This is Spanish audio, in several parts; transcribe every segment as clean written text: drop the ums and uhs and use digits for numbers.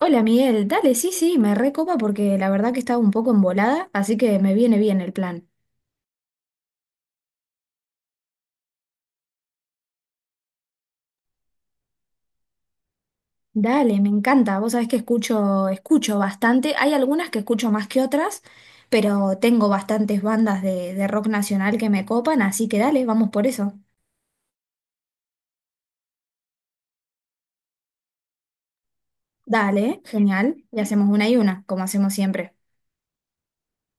Hola Miguel, dale, sí, sí, me recopa porque la verdad que estaba un poco embolada, así que me viene bien el plan. Dale, me encanta, vos sabés que escucho, escucho bastante, hay algunas que escucho más que otras, pero tengo bastantes bandas de rock nacional que me copan, así que dale, vamos por eso. Dale, genial, y hacemos una y una, como hacemos siempre.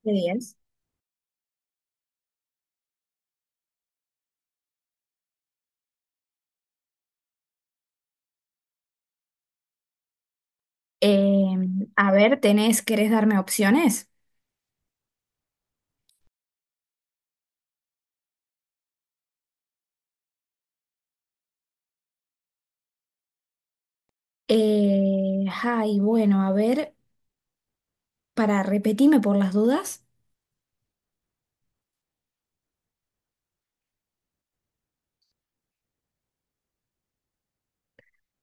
De 10. Eh, a ver, tenés, ¿querés darme opciones? Ay, bueno, a ver, para repetirme por las dudas.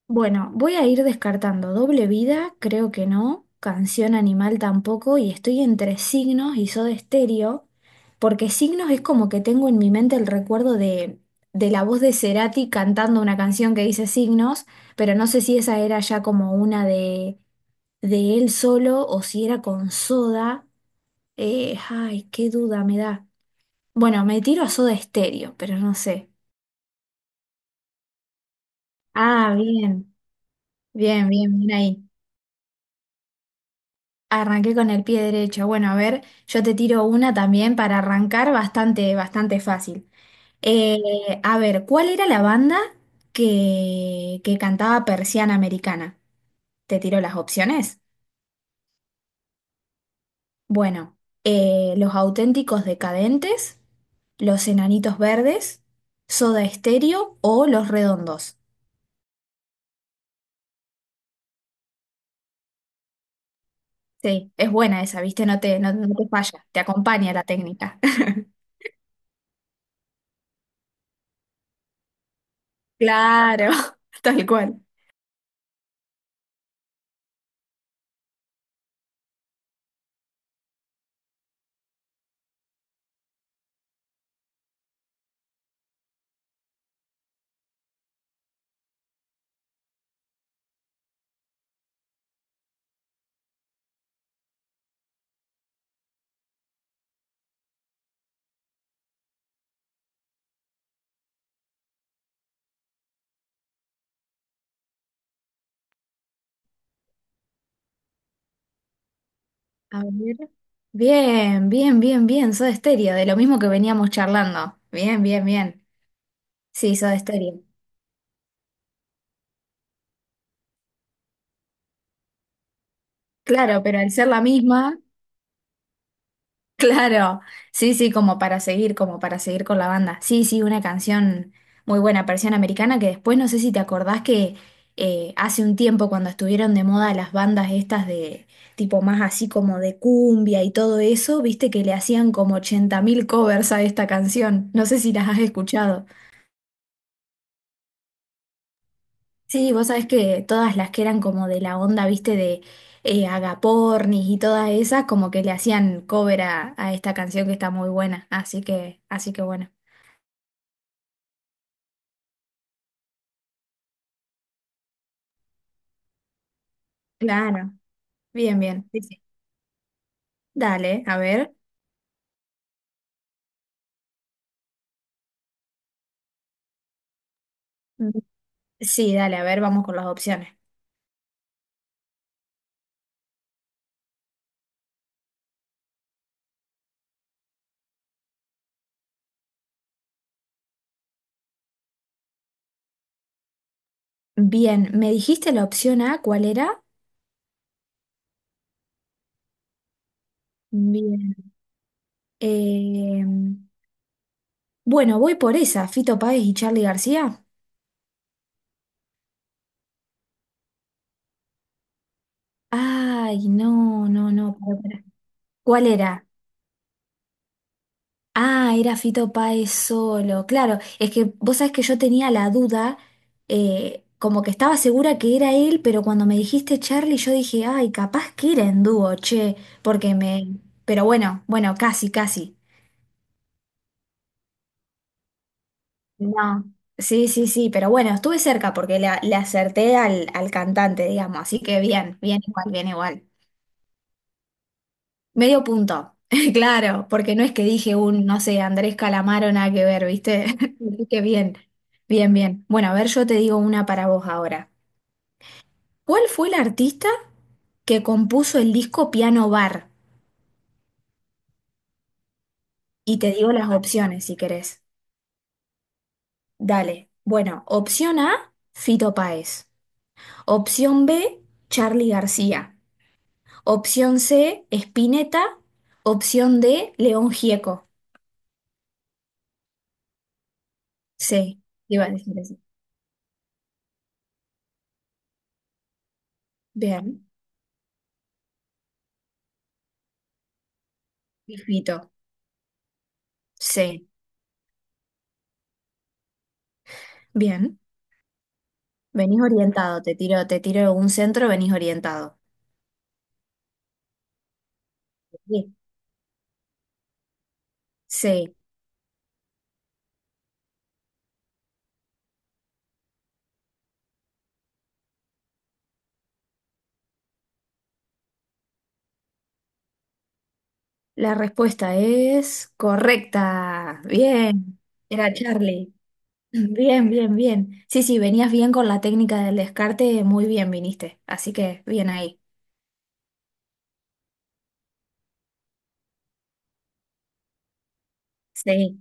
Bueno, voy a ir descartando doble vida, creo que no, canción animal tampoco, y estoy entre signos y Soda Stereo, porque signos es como que tengo en mi mente el recuerdo de la voz de Cerati cantando una canción que dice signos, pero no sé si esa era ya como una de él solo o si era con Soda. Ay, qué duda me da. Bueno, me tiro a Soda Stereo, pero no sé. Ah, bien, bien, bien, bien ahí. Arranqué con el pie derecho. Bueno, a ver, yo te tiro una también para arrancar bastante, bastante fácil. A ver, ¿cuál era la banda que cantaba Persiana Americana? Te tiro las opciones. Bueno, Los Auténticos Decadentes, Los Enanitos Verdes, Soda Stereo o Los Redondos. Sí, es buena esa, ¿viste? No te falla, te acompaña la técnica. Claro, tal cual. A ver. Bien, bien, bien, bien. Soda Stereo, de lo mismo que veníamos charlando. Bien, bien, bien. Sí, Soda Stereo. Claro, pero al ser la misma, claro. Sí, sí, como para seguir con la banda. Sí, sí, una canción muy buena, versión americana, que después no sé si te acordás que hace un tiempo cuando estuvieron de moda las bandas estas de tipo más así como de cumbia y todo eso, viste que le hacían como 80.000 covers a esta canción. No sé si las has escuchado. Sí, vos sabés que todas las que eran como de la onda, viste, de Agapornis y todas esas, como que le hacían cover a esta canción que está muy buena. Así que bueno. Claro, bien, bien. Sí, sí. Dale, a ver. Mm. Sí, dale, a ver, vamos con las opciones. Bien, ¿me dijiste la opción A cuál era? Bien. Eh, bueno, voy por esa, Fito Páez y Charly García. Ay, no, no, no. Pará, pará. ¿Cuál era? Ah, era Fito Páez solo. Claro, es que vos sabés que yo tenía la duda, como que estaba segura que era él, pero cuando me dijiste Charlie, yo dije, ay, capaz que era en dúo, che, porque me. Pero bueno, bueno, casi, casi. No. Sí, sí, sí, pero bueno, estuve cerca porque le acerté al cantante, digamos, así que bien, bien igual, bien igual. Medio punto, claro, porque no es que dije un, no sé, Andrés Calamaro, nada que ver, ¿viste? Así que bien, bien, bien. Bueno, a ver, yo te digo una para vos ahora. ¿Cuál fue el artista que compuso el disco Piano Bar? Y te digo las opciones si querés. Dale. Bueno, opción A, Fito Páez. Opción B, Charly García. Opción C, Spinetta. Opción D, León Gieco. Sí, iba a decir eso. Bien, y Fito. Sí. Bien, venís orientado, te tiro un centro, venís orientado. Sí. Sí, la respuesta es correcta. Bien, era Charlie. Bien, bien, bien. Sí, sí, venías bien con la técnica del descarte, muy bien viniste. Así que bien ahí. Sí,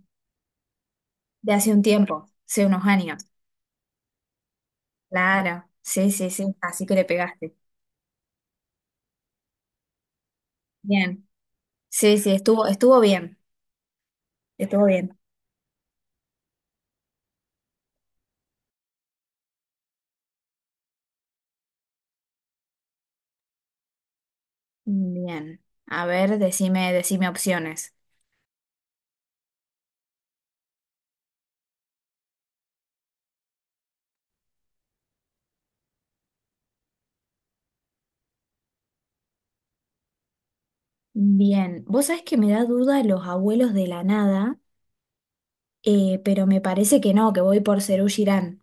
de hace un tiempo, hace unos años. Claro, sí, sí, sí, así que le pegaste. Bien. Sí, sí, estuvo bien, estuvo bien. Bien. A ver, decime opciones. Bien, vos sabés que me da duda los abuelos de la nada, pero me parece que no, que voy por Serú Girán.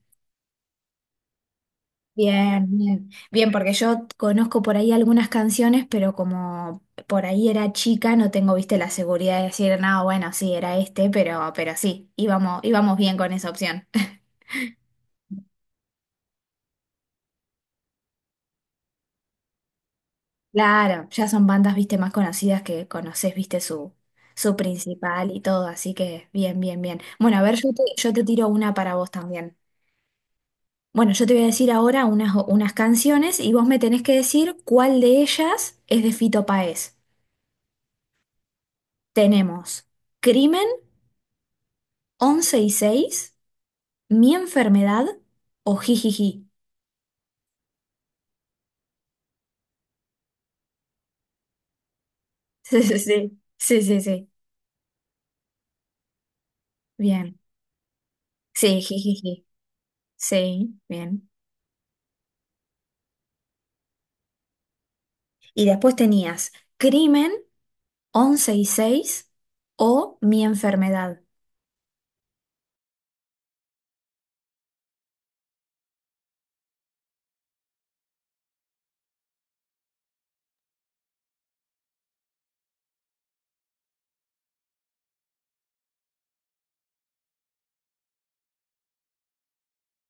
Bien, bien, bien, porque yo conozco por ahí algunas canciones, pero como por ahí era chica, no tengo, viste, la seguridad de decir, no, bueno, sí, era este, pero sí, íbamos, íbamos bien con esa opción. Claro, ya son bandas, viste, más conocidas que conoces, viste, su principal y todo, así que bien, bien, bien. Bueno, a ver, yo te tiro una para vos también. Bueno, yo te voy a decir ahora unas canciones y vos me tenés que decir cuál de ellas es de Fito Páez. Tenemos Crimen, 11 y 6, Mi enfermedad o Jijiji. Sí, sí, sí, sí, sí, sí. Bien. Sí, Jijiji. Sí, bien. Y después tenías Crimen, 11 y 6 o Mi enfermedad.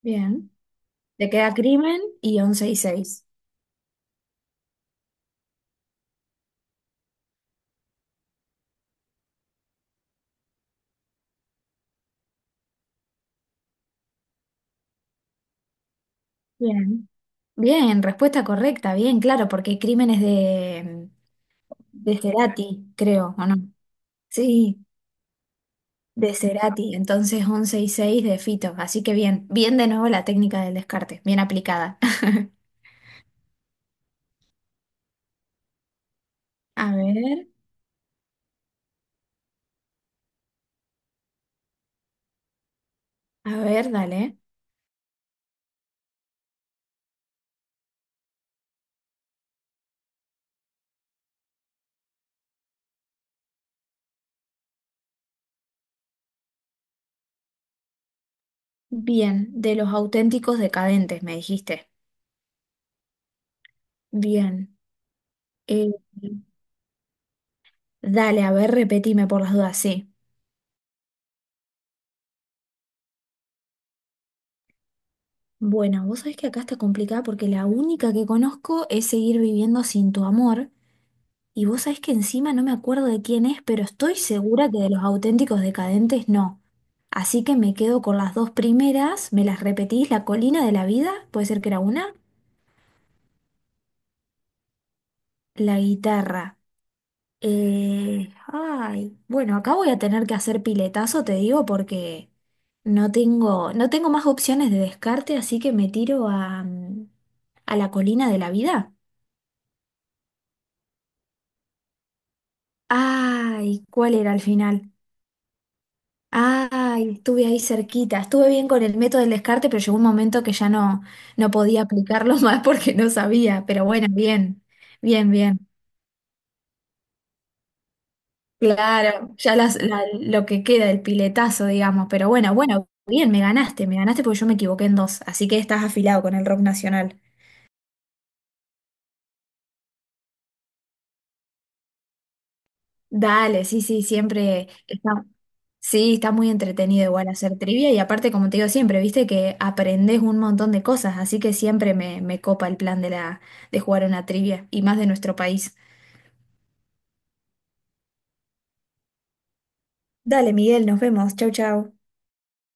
Bien. Te queda Crimen y 11 y 6. Bien. Bien, respuesta correcta, bien, claro, porque Crimen es de Cerati, creo, ¿o no? Sí, de Cerati, entonces 11 y 6 de Fito, así que bien, bien de nuevo la técnica del descarte, bien aplicada. A ver, a ver, dale. Bien, de los auténticos decadentes, me dijiste. Bien. eh, dale, a ver, repetime por las dudas, sí. Bueno, vos sabés que acá está complicada porque la única que conozco es Seguir viviendo sin tu amor. Y vos sabés que encima no me acuerdo de quién es, pero estoy segura que de los auténticos decadentes no. Así que me quedo con las dos primeras, me las repetís, la colina de la vida, puede ser que era una, la guitarra. Ay, bueno, acá voy a tener que hacer piletazo, te digo, porque no tengo más opciones de descarte, así que me tiro a, mm, a la colina de la vida. Ay, ¿cuál era al final? Ay, estuve ahí cerquita. Estuve bien con el método del descarte, pero llegó un momento que ya no, no podía aplicarlo más porque no sabía. Pero bueno, bien, bien, bien. Claro, ya las- la- lo que queda, el piletazo, digamos. Pero bueno, bueno, bien, me ganaste porque yo me equivoqué en dos. Así que estás afilado con el rock nacional. Dale, sí, sí, siempre está, sí, está muy entretenido igual hacer trivia y aparte, como te digo siempre, viste que aprendes un montón de cosas, así que siempre me copa el plan de la, de jugar una trivia y más de nuestro país. Dale, Miguel, nos vemos. Chau, chau.